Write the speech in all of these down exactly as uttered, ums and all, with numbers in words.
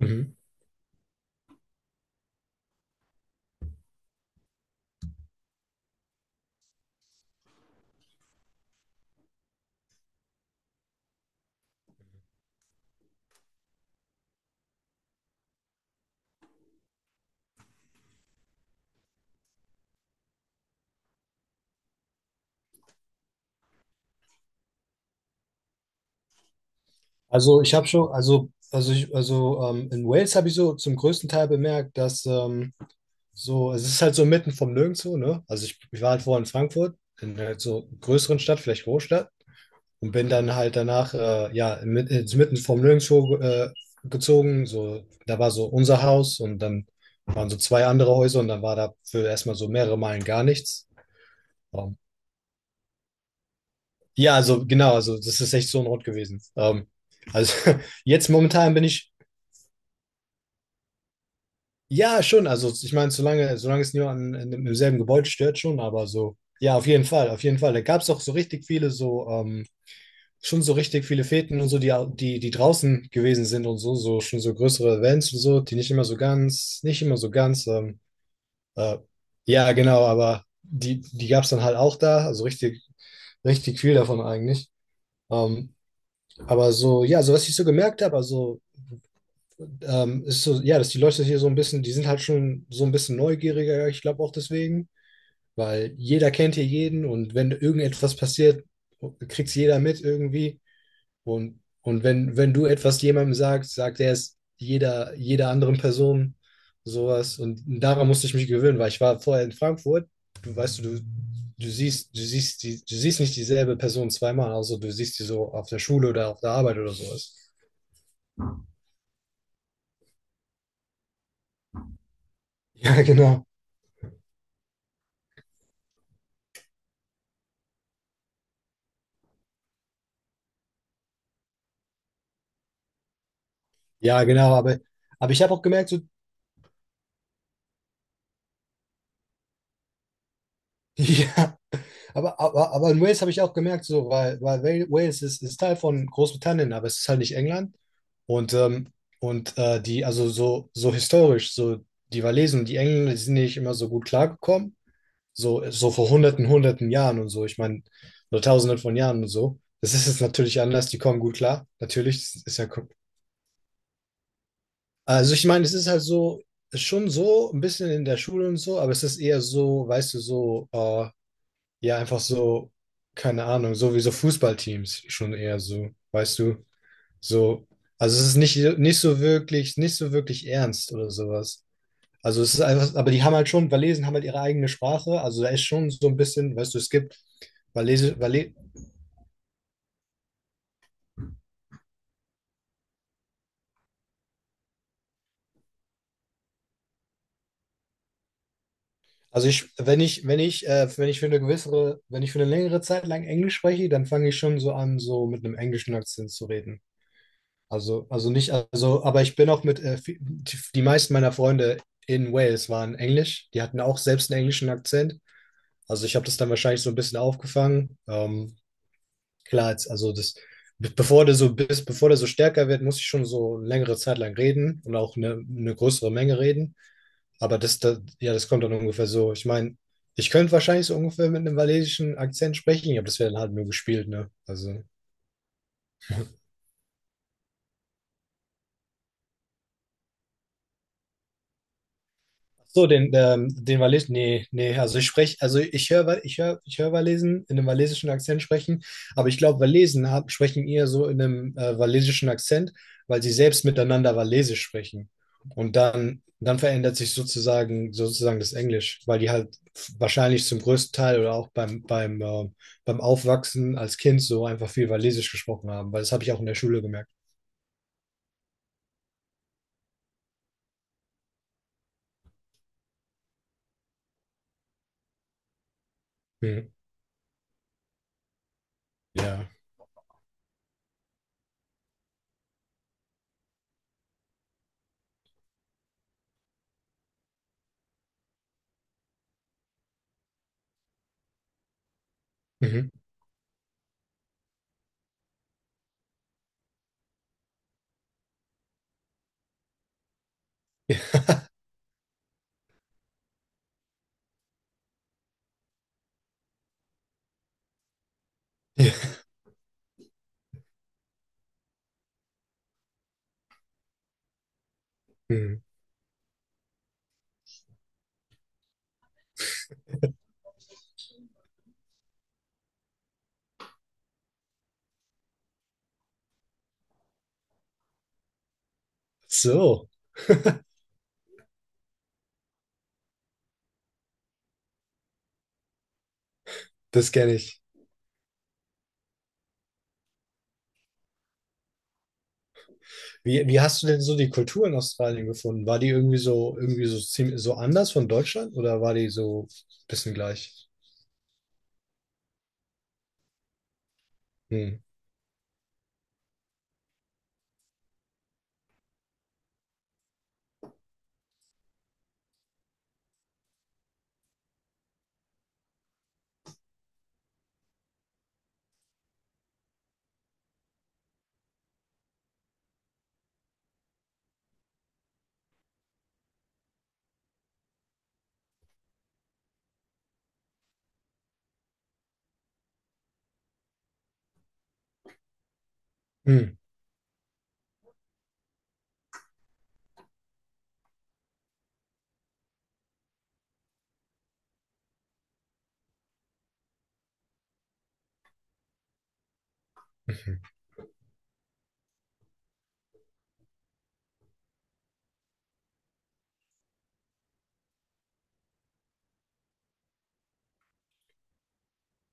Mhm. Also ich habe schon, also, also ich, also ähm, In Wales habe ich so zum größten Teil bemerkt, dass ähm, so, es ist halt so mitten vom Nirgendwo, ne? Also ich, ich war halt vorher in Frankfurt, in halt so größeren Stadt, vielleicht Großstadt, und bin dann halt danach, äh, ja, mit, ins mitten vom Nirgendwo äh, gezogen. So, da war so unser Haus und dann waren so zwei andere Häuser und dann war da für erstmal so mehrere Meilen gar nichts. Ähm, ja, also genau, also das ist echt so ein Ort gewesen. Ähm, also jetzt momentan bin ich. Ja, schon. Also ich meine, solange, solange es niemanden in, in, im selben Gebäude stört, schon, aber so, ja, auf jeden Fall, auf jeden Fall. Da gab es auch so richtig viele, so, ähm, schon so richtig viele Feten und so, die, au- die, die draußen gewesen sind und so, so, schon so größere Events und so, die nicht immer so ganz, nicht immer so ganz, ähm, äh, ja, genau, aber die, die gab es dann halt auch da, also richtig, richtig viel davon eigentlich. Ähm, aber so, ja, so was ich so gemerkt habe, also ähm, ist so, ja, dass die Leute hier so ein bisschen, die sind halt schon so ein bisschen neugieriger, ja, ich glaube auch deswegen, weil jeder kennt hier jeden und wenn irgendetwas passiert, kriegt's jeder mit irgendwie. Und, und wenn, wenn du etwas jemandem sagst, sagt er es jeder, jeder anderen Person sowas. Und daran musste ich mich gewöhnen, weil ich war vorher in Frankfurt, du weißt du, du, du siehst, du siehst die, Du siehst nicht dieselbe Person zweimal, also du siehst die so auf der Schule oder auf der Arbeit oder sowas. Ja, genau. Ja, genau, aber, aber ich habe auch gemerkt, so, ja, aber, aber, aber in Wales habe ich auch gemerkt, so, weil, weil Wa- Wales ist, ist Teil von Großbritannien, aber es ist halt nicht England. Und, ähm, und äh, die, also so, so historisch, so die Walesen und die Engländer, die sind nicht immer so gut klargekommen. So, so vor hunderten, hunderten Jahren und so, ich meine, oder tausenden von Jahren und so. Das ist jetzt natürlich anders, die kommen gut klar. Natürlich, das ist ja. Also ich meine, es ist halt so, schon so ein bisschen in der Schule und so, aber es ist eher so, weißt du, so, äh, ja, einfach so, keine Ahnung, so wie so Fußballteams schon eher so, weißt du, so, also es ist nicht, nicht so wirklich, nicht so wirklich ernst oder sowas. Also es ist einfach, aber die haben halt schon, Walesen haben halt ihre eigene Sprache, also da ist schon so ein bisschen, weißt du, es gibt Walese, Wale. Also ich, wenn ich, wenn ich, äh, wenn ich für eine gewissere, Wenn ich für eine längere Zeit lang Englisch spreche, dann fange ich schon so an, so mit einem englischen Akzent zu reden. Also, also nicht, also, Aber ich bin auch mit, äh, vi- die, die meisten meiner Freunde in Wales waren Englisch. Die hatten auch selbst einen englischen Akzent. Also ich habe das dann wahrscheinlich so ein bisschen aufgefangen. Ähm, klar, jetzt, also das, be- bevor der so bis, bevor der so stärker wird, muss ich schon so eine längere Zeit lang reden und auch eine, eine größere Menge reden. Aber das, das, ja, das kommt dann ungefähr so. Ich meine, ich könnte wahrscheinlich so ungefähr mit einem walisischen Akzent sprechen, aber das wäre dann halt nur gespielt, ne? Also. So, den, ähm, den Wales, nee, nee, also ich spreche, also ich höre, ich höre, ich höre Walesen in einem walesischen Akzent sprechen, aber ich glaube, Walesen haben, sprechen eher so in einem äh, walesischen Akzent, weil sie selbst miteinander Walesisch sprechen. Und dann, dann verändert sich sozusagen, sozusagen das Englisch, weil die halt wahrscheinlich zum größten Teil oder auch beim, beim, äh, beim Aufwachsen als Kind so einfach viel Walesisch gesprochen haben, weil das habe ich auch in der Schule gemerkt. Mhm. Ja. Mhm. Ja. Mhm. So, das kenne ich. Wie, wie hast du denn so die Kultur in Australien gefunden? War die irgendwie so, irgendwie so ziemlich, so anders von Deutschland oder war die so ein bisschen gleich? Hm. Hm.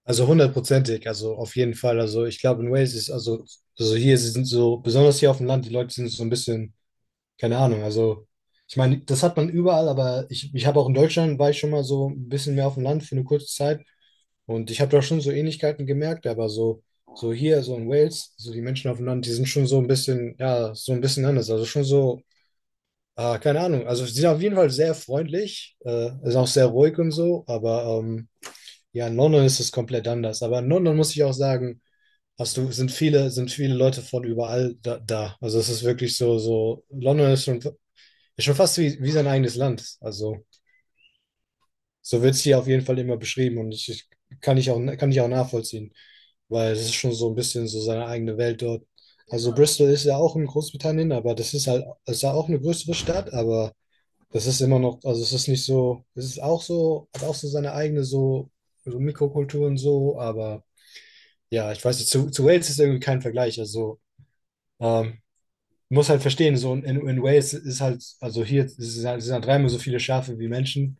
Also hundertprozentig, also auf jeden Fall. Also ich glaube in Wales ist, also, also hier sie sind so, besonders hier auf dem Land, die Leute sind so ein bisschen, keine Ahnung, also ich meine, das hat man überall, aber ich, ich habe auch in Deutschland, war ich schon mal so ein bisschen mehr auf dem Land für eine kurze Zeit. Und ich habe da schon so Ähnlichkeiten gemerkt, aber so, so hier, so in Wales, so die Menschen auf dem Land, die sind schon so ein bisschen, ja, so ein bisschen anders. Also schon so, ah, keine Ahnung. Also sie sind auf jeden Fall sehr freundlich, äh, ist auch sehr ruhig und so, aber ähm, ja, in London ist es komplett anders. Aber in London muss ich auch sagen, hast du, sind viele, sind viele Leute von überall da, da. Also es ist wirklich so, so, London ist schon, ist schon fast wie, wie sein eigenes Land. Also so wird es hier auf jeden Fall immer beschrieben und ich, ich kann ich auch, kann ich auch nachvollziehen. Weil es ist schon so ein bisschen so seine eigene Welt dort. Also Bristol ist ja auch in Großbritannien, aber das ist halt, es ist ja auch eine größere Stadt, aber das ist immer noch, also es ist nicht so, es ist auch so, hat auch so seine eigene so, so Mikrokultur und so, aber ja, ich weiß nicht, zu, zu Wales ist irgendwie kein Vergleich, also ähm, muss halt verstehen, so in, in Wales ist halt, also hier ist- sind halt, sind halt dreimal so viele Schafe wie Menschen,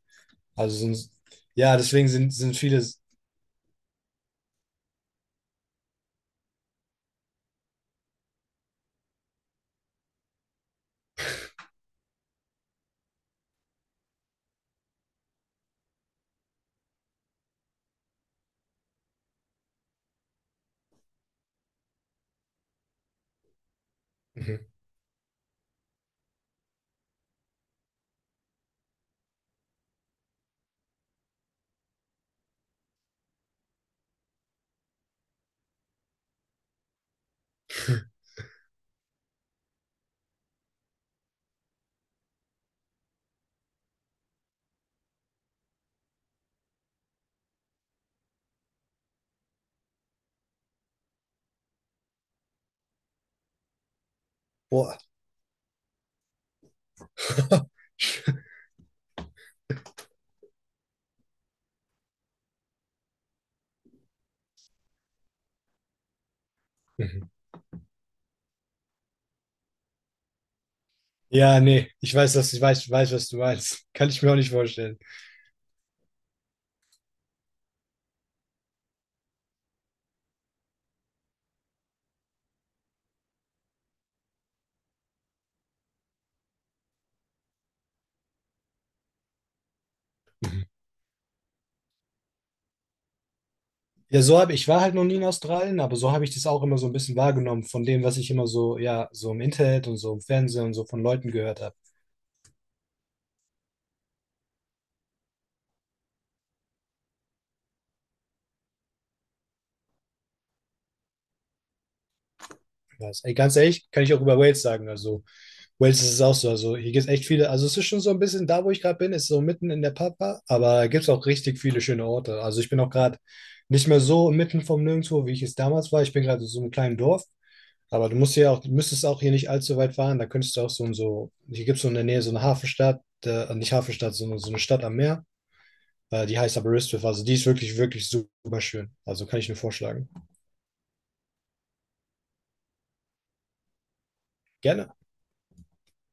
also sind, ja, deswegen sind, sind viele. Mhm. Boah. Ja, nee, ich weiß, dass ich weiß, weiß, was du meinst. Kann ich mir auch nicht vorstellen. Ja, so habe ich war halt noch nie in Australien, aber so habe ich das auch immer so ein bisschen wahrgenommen von dem, was ich immer so, ja, so im Internet und so im Fernsehen und so von Leuten gehört habe. Was- ey, ganz ehrlich, kann ich auch über Wales sagen. Also, Wales ist es auch so. Also, hier gibt es echt viele. Also, es ist schon so ein bisschen da, wo ich gerade bin, ist so mitten in der Pampa, aber gibt es auch richtig viele schöne Orte. Also, ich bin auch gerade nicht mehr so mitten vom Nirgendwo, wie ich es damals war. Ich bin gerade in so einem kleinen Dorf. Aber du musst ja auch, müsstest auch hier nicht allzu weit fahren. Da könntest du auch so und so, hier gibt es so in der Nähe so eine Hafenstadt, äh, nicht Hafenstadt, sondern so eine Stadt am Meer. Äh, die heißt aber Ristwiff. Also die ist wirklich, wirklich super schön. Also kann ich nur vorschlagen. Gerne.